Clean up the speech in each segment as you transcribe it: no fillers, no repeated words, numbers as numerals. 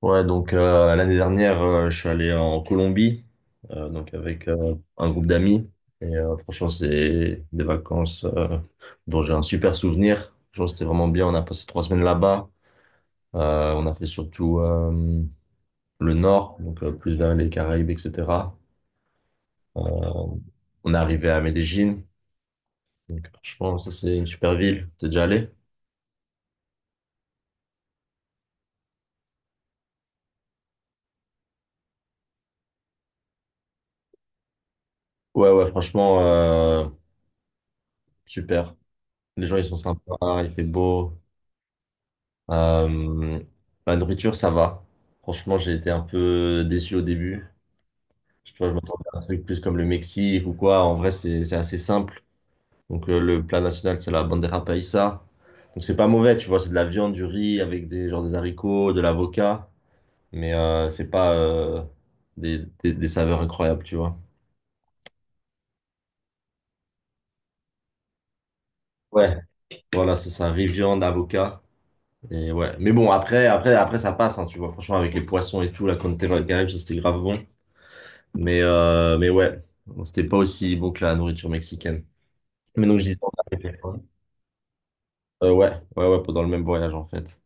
Ouais, donc l'année dernière, je suis allé en Colombie, donc avec un groupe d'amis. Et franchement, c'est des vacances dont j'ai un super souvenir. Franchement, c'était vraiment bien. On a passé 3 semaines là-bas. On a fait surtout le nord, donc plus vers les Caraïbes, etc. Euh, on est arrivé à Medellín. Donc, franchement, ça, c'est une super ville. T'es déjà allé? Ouais, ouais, franchement, super. Les gens, ils sont sympas, il fait beau. Euh, la nourriture, ça va. Franchement, j'ai été un peu déçu au début. Je sais pas, je m'attendais à un truc plus comme le Mexique ou quoi. En vrai, c'est assez simple. Donc, le plat national, c'est la bandera paisa. Donc, c'est pas mauvais, tu vois. C'est de la viande, du riz avec des, genre, des haricots, de l'avocat. Mais c'est pas des, des saveurs incroyables, tu vois. Ouais, voilà, c'est ça. Riz, viande, avocat. Et ouais. Mais bon, après ça passe, hein, tu vois. Franchement, avec les poissons et tout, la Conterre, quand même, ça, c'était grave bon. Mais ouais, bon, c'était pas aussi bon que la nourriture mexicaine. Mais donc, je disais, on a fait quoi. Ouais, ouais, ouais, pendant le même voyage, en fait.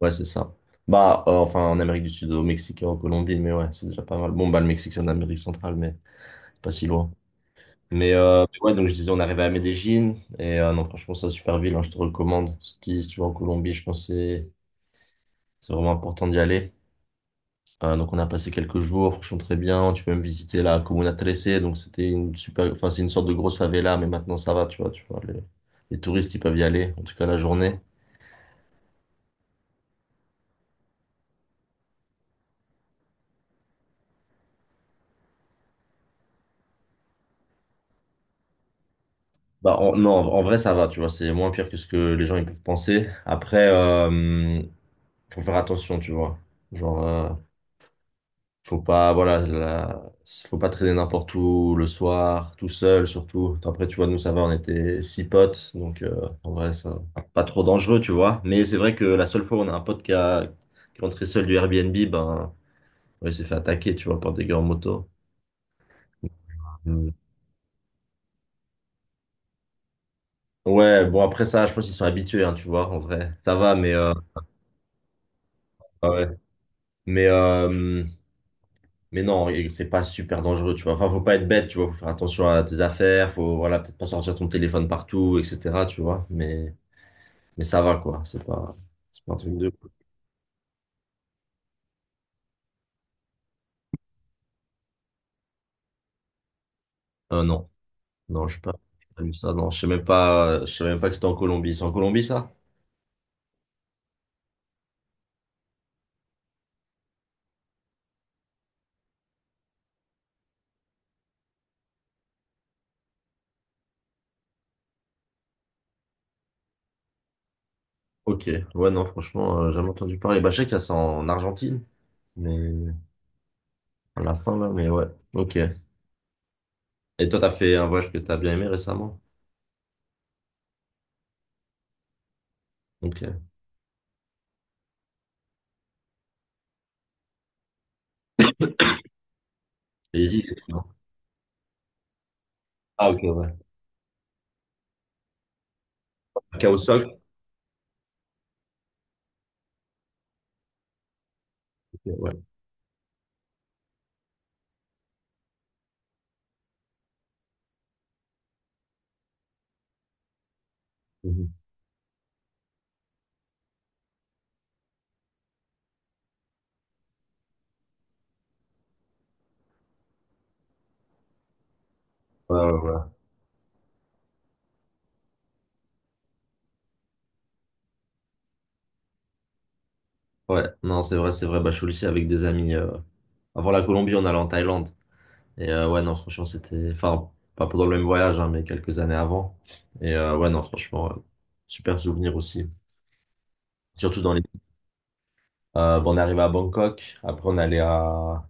Ouais, c'est ça. Bah, enfin, en Amérique du Sud, au Mexique et en Colombie, mais ouais, c'est déjà pas mal. Bon, bah, le Mexique, c'est en Amérique centrale, mais c'est pas si loin. Mais ouais, donc, je disais, on est arrivé à Medellín. Et non, franchement, c'est une super ville, hein, je te recommande. Si tu vas en Colombie, je pense que c'est vraiment important d'y aller. Donc on a passé quelques jours, franchement très bien. Tu peux même visiter la Comuna 13, donc c'était une super, enfin c'est une sorte de grosse favela, mais maintenant ça va, tu vois, les touristes ils peuvent y aller, en tout cas la journée. Bah non, en vrai ça va, tu vois, c'est moins pire que ce que les gens ils peuvent penser. Après, faut faire attention, tu vois. Genre, faut pas, voilà, faut pas traîner n'importe où le soir, tout seul surtout. Après, tu vois, nous, ça va, on était six potes, donc en vrai, c'est pas trop dangereux, tu vois. Mais c'est vrai que la seule fois où on a un pote qui est rentré seul du Airbnb, ben, ouais, il s'est fait attaquer, tu vois, par des gars en moto. Mm. Ouais, bon, après ça, je pense qu'ils sont habitués, hein, tu vois, en vrai. Ça va, mais, ah ouais. Mais, mais non, et c'est pas super dangereux, tu vois. Enfin, faut pas être bête, tu vois. Faut faire attention à tes affaires. Faut, voilà, peut-être pas sortir ton téléphone partout, etc. Tu vois. Mais ça va, quoi. C'est pas un truc de. Non, non, je sais pas. J'ai pas vu ça. Non, je sais même pas. Je sais même pas que c'était en Colombie. C'est en Colombie, ça? Ok. Ouais, non, franchement, jamais entendu parler. Bah, je sais qu'il y a ça en Argentine, mais à la fin là. Mais ouais. Ok. Et toi, t'as fait un voyage que t'as bien aimé récemment? Ok. Les îles. Et tout, non? Ah, ok, ouais. À Cahuac? Ok, ouais. Mhm. Ouais, ouais, ouais. Ouais, non, c'est vrai, c'est vrai. Bah, je suis aussi avec des amis. Avant la Colombie, on allait en Thaïlande. Et ouais, non, franchement, c'était. Enfin, pas pendant le même voyage, hein, mais quelques années avant. Et ouais, non, franchement, super souvenir aussi. Surtout dans les. Bah, on est arrivé à Bangkok. Après, on allait à.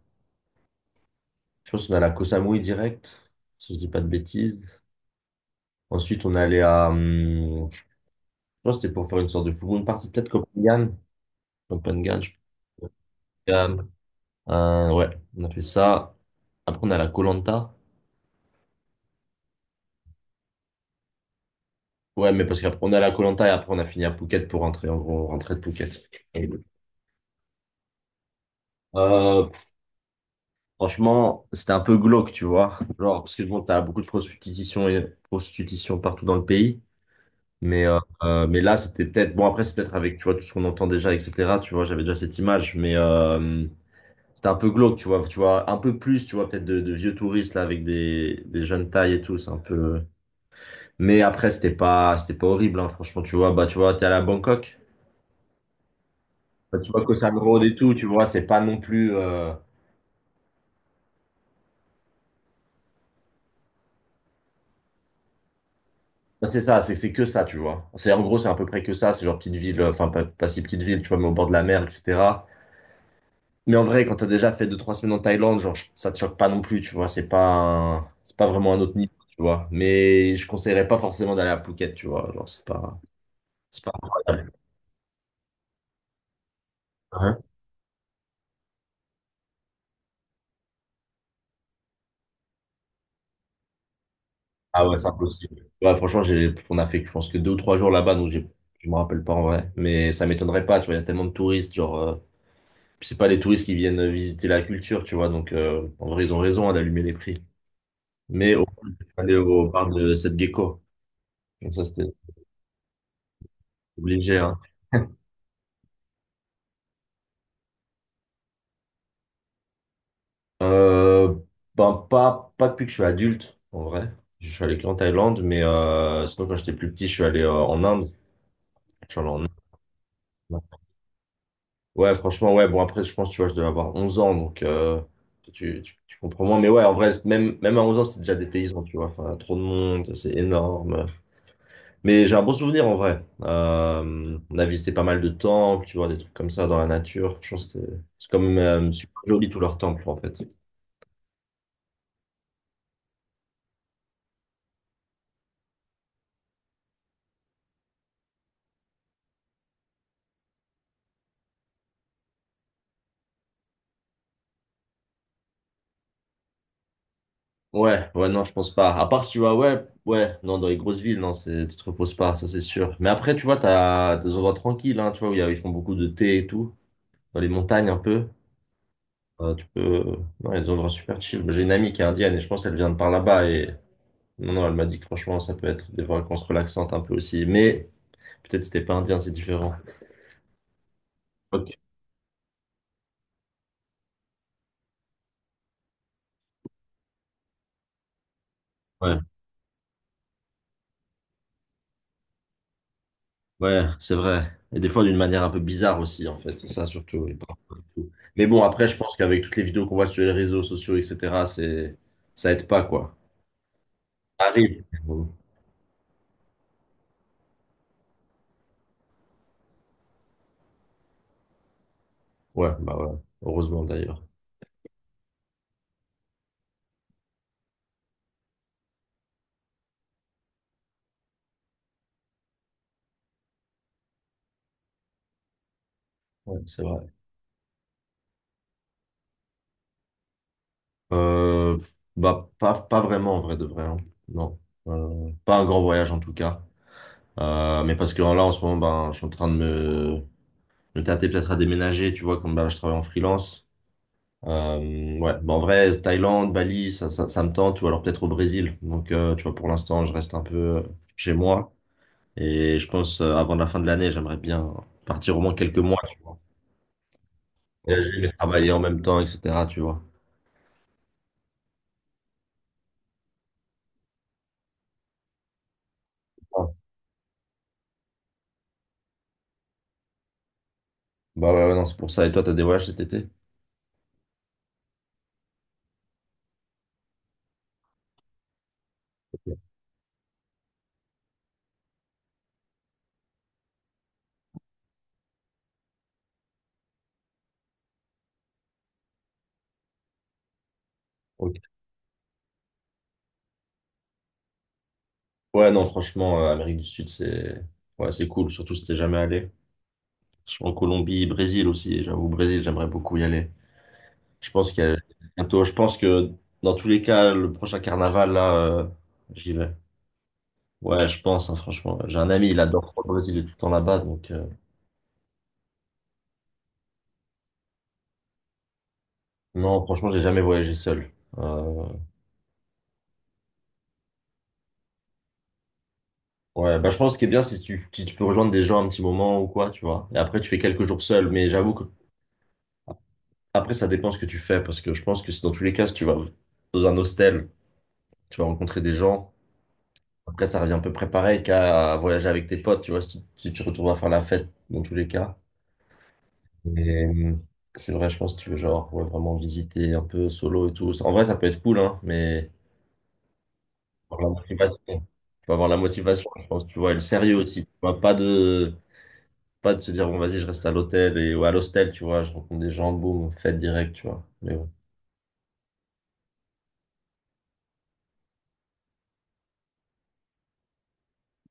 Je pense qu'on allait à Koh Samui direct, si je dis pas de bêtises. Ensuite, on allait à. Je pense que c'était pour faire une sorte de full moon party. Peut-être Copenhague. Copenhague, je pense. Ouais, on a fait ça. Après, on est à la Koh Lanta. Ouais, mais parce qu'après on est à la Koh et après on a fini à Phuket pour rentrer. En gros, on rentrait de Phuket. Et, euh, franchement, c'était un peu glauque, tu vois. Genre, parce que bon, t'as beaucoup de prostitution et prostitution partout dans le pays. Mais, euh, mais là, c'était peut-être. Bon, après, c'est peut-être avec, tu vois, tout ce qu'on entend déjà, etc. Tu vois, j'avais déjà cette image. Mais c'était un peu glauque, tu vois. Tu vois, un peu plus, tu vois, peut-être de vieux touristes là avec des jeunes tailles et tout. C'est un peu. Mais après, c'était pas horrible, hein, franchement, tu vois. Bah, tu vois, t'es allé à Bangkok. Enfin, tu vois, que ça me rôde et tout, tu vois, c'est pas non plus. Bah, c'est ça, c'est que ça, tu vois. C'est en gros, c'est à peu près que ça, c'est genre petite ville, enfin pas si petite ville, tu vois, mais au bord de la mer, etc. Mais en vrai, quand t'as déjà fait deux trois semaines en Thaïlande, genre, ça te choque pas non plus, tu vois, c'est pas c'est pas vraiment un autre niveau, tu vois. Mais je conseillerais pas forcément d'aller à Phuket, tu vois, genre, c'est pas. C'est pas incroyable. Hein? Ah ouais, c'est impossible. Ouais, franchement, on a fait, je pense que deux ou trois jours là-bas, donc je me rappelle pas en vrai. Mais ça m'étonnerait pas, tu vois, il y a tellement de touristes, genre, puis c'est pas les touristes qui viennent visiter la culture, tu vois. Donc, en vrai, ils ont raison hein, d'allumer les prix. Mais au moins, je suis allé au bar de cette gecko. Donc, ça, c'était obligé, hein. Euh, ben, pas depuis que je suis adulte, en vrai. Je suis allé qu'en Thaïlande, mais sinon, quand j'étais plus petit, je suis allé en Inde. Je suis allé en Inde. Ouais, franchement, ouais. Bon, après, je pense, tu vois, je devais avoir 11 ans, donc tu comprends moins. Mais ouais, en vrai, même à 11 ans, c'était déjà des paysans, tu vois. Enfin, trop de monde, c'est énorme. Mais j'ai un bon souvenir en vrai. On a visité pas mal de temples, tu vois, des trucs comme ça dans la nature. Je pense que c'est comme super joli tous leurs temples en fait. Ouais, ouais, non, je pense pas. À part si tu vois, ouais, ouais, non, dans les grosses villes, non, c'est, tu te reposes pas, ça c'est sûr. Mais après, tu vois, t'as des endroits tranquilles, hein, tu vois, où ils font beaucoup de thé et tout, dans les montagnes un peu. Tu peux, non, il y a des endroits super chill. J'ai une amie qui est indienne et je pense qu'elle vient de par là-bas et non, non, elle m'a dit que franchement, ça peut être des vacances relaxantes un peu aussi. Mais peut-être c'était pas indien, c'est différent. Ok, ouais. Ouais, c'est vrai. Et des fois d'une manière un peu bizarre aussi, en fait. C'est ça surtout. Mais bon, après, je pense qu'avec toutes les vidéos qu'on voit sur les réseaux sociaux, etc., c'est, ça aide pas, quoi. Ça arrive. Ouais, bah ouais. Heureusement d'ailleurs. Ouais, c'est vrai. Euh, Bah, pas vraiment en vrai de vrai, hein. Non. Pas un grand voyage en tout cas. Mais parce que là, en ce moment, ben, je suis en train de me tâter peut-être à déménager. Tu vois, comme ben, je travaille en freelance. Ouais, bah, en vrai, Thaïlande, Bali, ça me tente, ou alors peut-être au Brésil. Donc, tu vois, pour l'instant, je reste un peu chez moi. Et je pense, avant la fin de l'année, j'aimerais bien partir au moins quelques mois, tu vois. Voyager, mais travailler en même temps, etc., tu vois. Ah. Bah ouais, ouais, non, c'est pour ça. Et toi, t'as des voyages cet été? Ok. Ok. Ouais, non, franchement, Amérique du Sud, c'est ouais, c'est cool, surtout si t'es jamais allé. Je suis en Colombie, Brésil aussi, et j'avoue, Brésil, j'aimerais beaucoup y aller. Je pense qu'il y a bientôt. Je pense que dans tous les cas, le prochain carnaval, là, j'y vais. Ouais, je pense, hein, franchement. J'ai un ami, il adore trop le Brésil, il est tout le temps là-bas. Donc, non, franchement, j'ai jamais voyagé seul. Euh, ouais, bah, je pense que ce qui est bien, c'est si tu peux rejoindre des gens un petit moment ou quoi, tu vois. Et après, tu fais quelques jours seul. Mais j'avoue que après, ça dépend ce que tu fais. Parce que je pense que si dans tous les cas, si tu vas dans un hostel, tu vas rencontrer des gens. Après, ça revient un peu préparé qu'à voyager avec tes potes, tu vois, si tu retournes à faire la fête, dans tous les cas. Et c'est vrai, je pense que tu veux genre ouais, vraiment visiter un peu solo et tout. En vrai, ça peut être cool, hein, mais faut avoir la motivation. Faut avoir la motivation, je pense, tu vois, et le sérieux aussi. Tu vois, pas de se dire bon vas-y, je reste à l'hôtel et ou à l'hostel, tu vois, je rencontre des gens, boum, fête direct, tu vois. Mais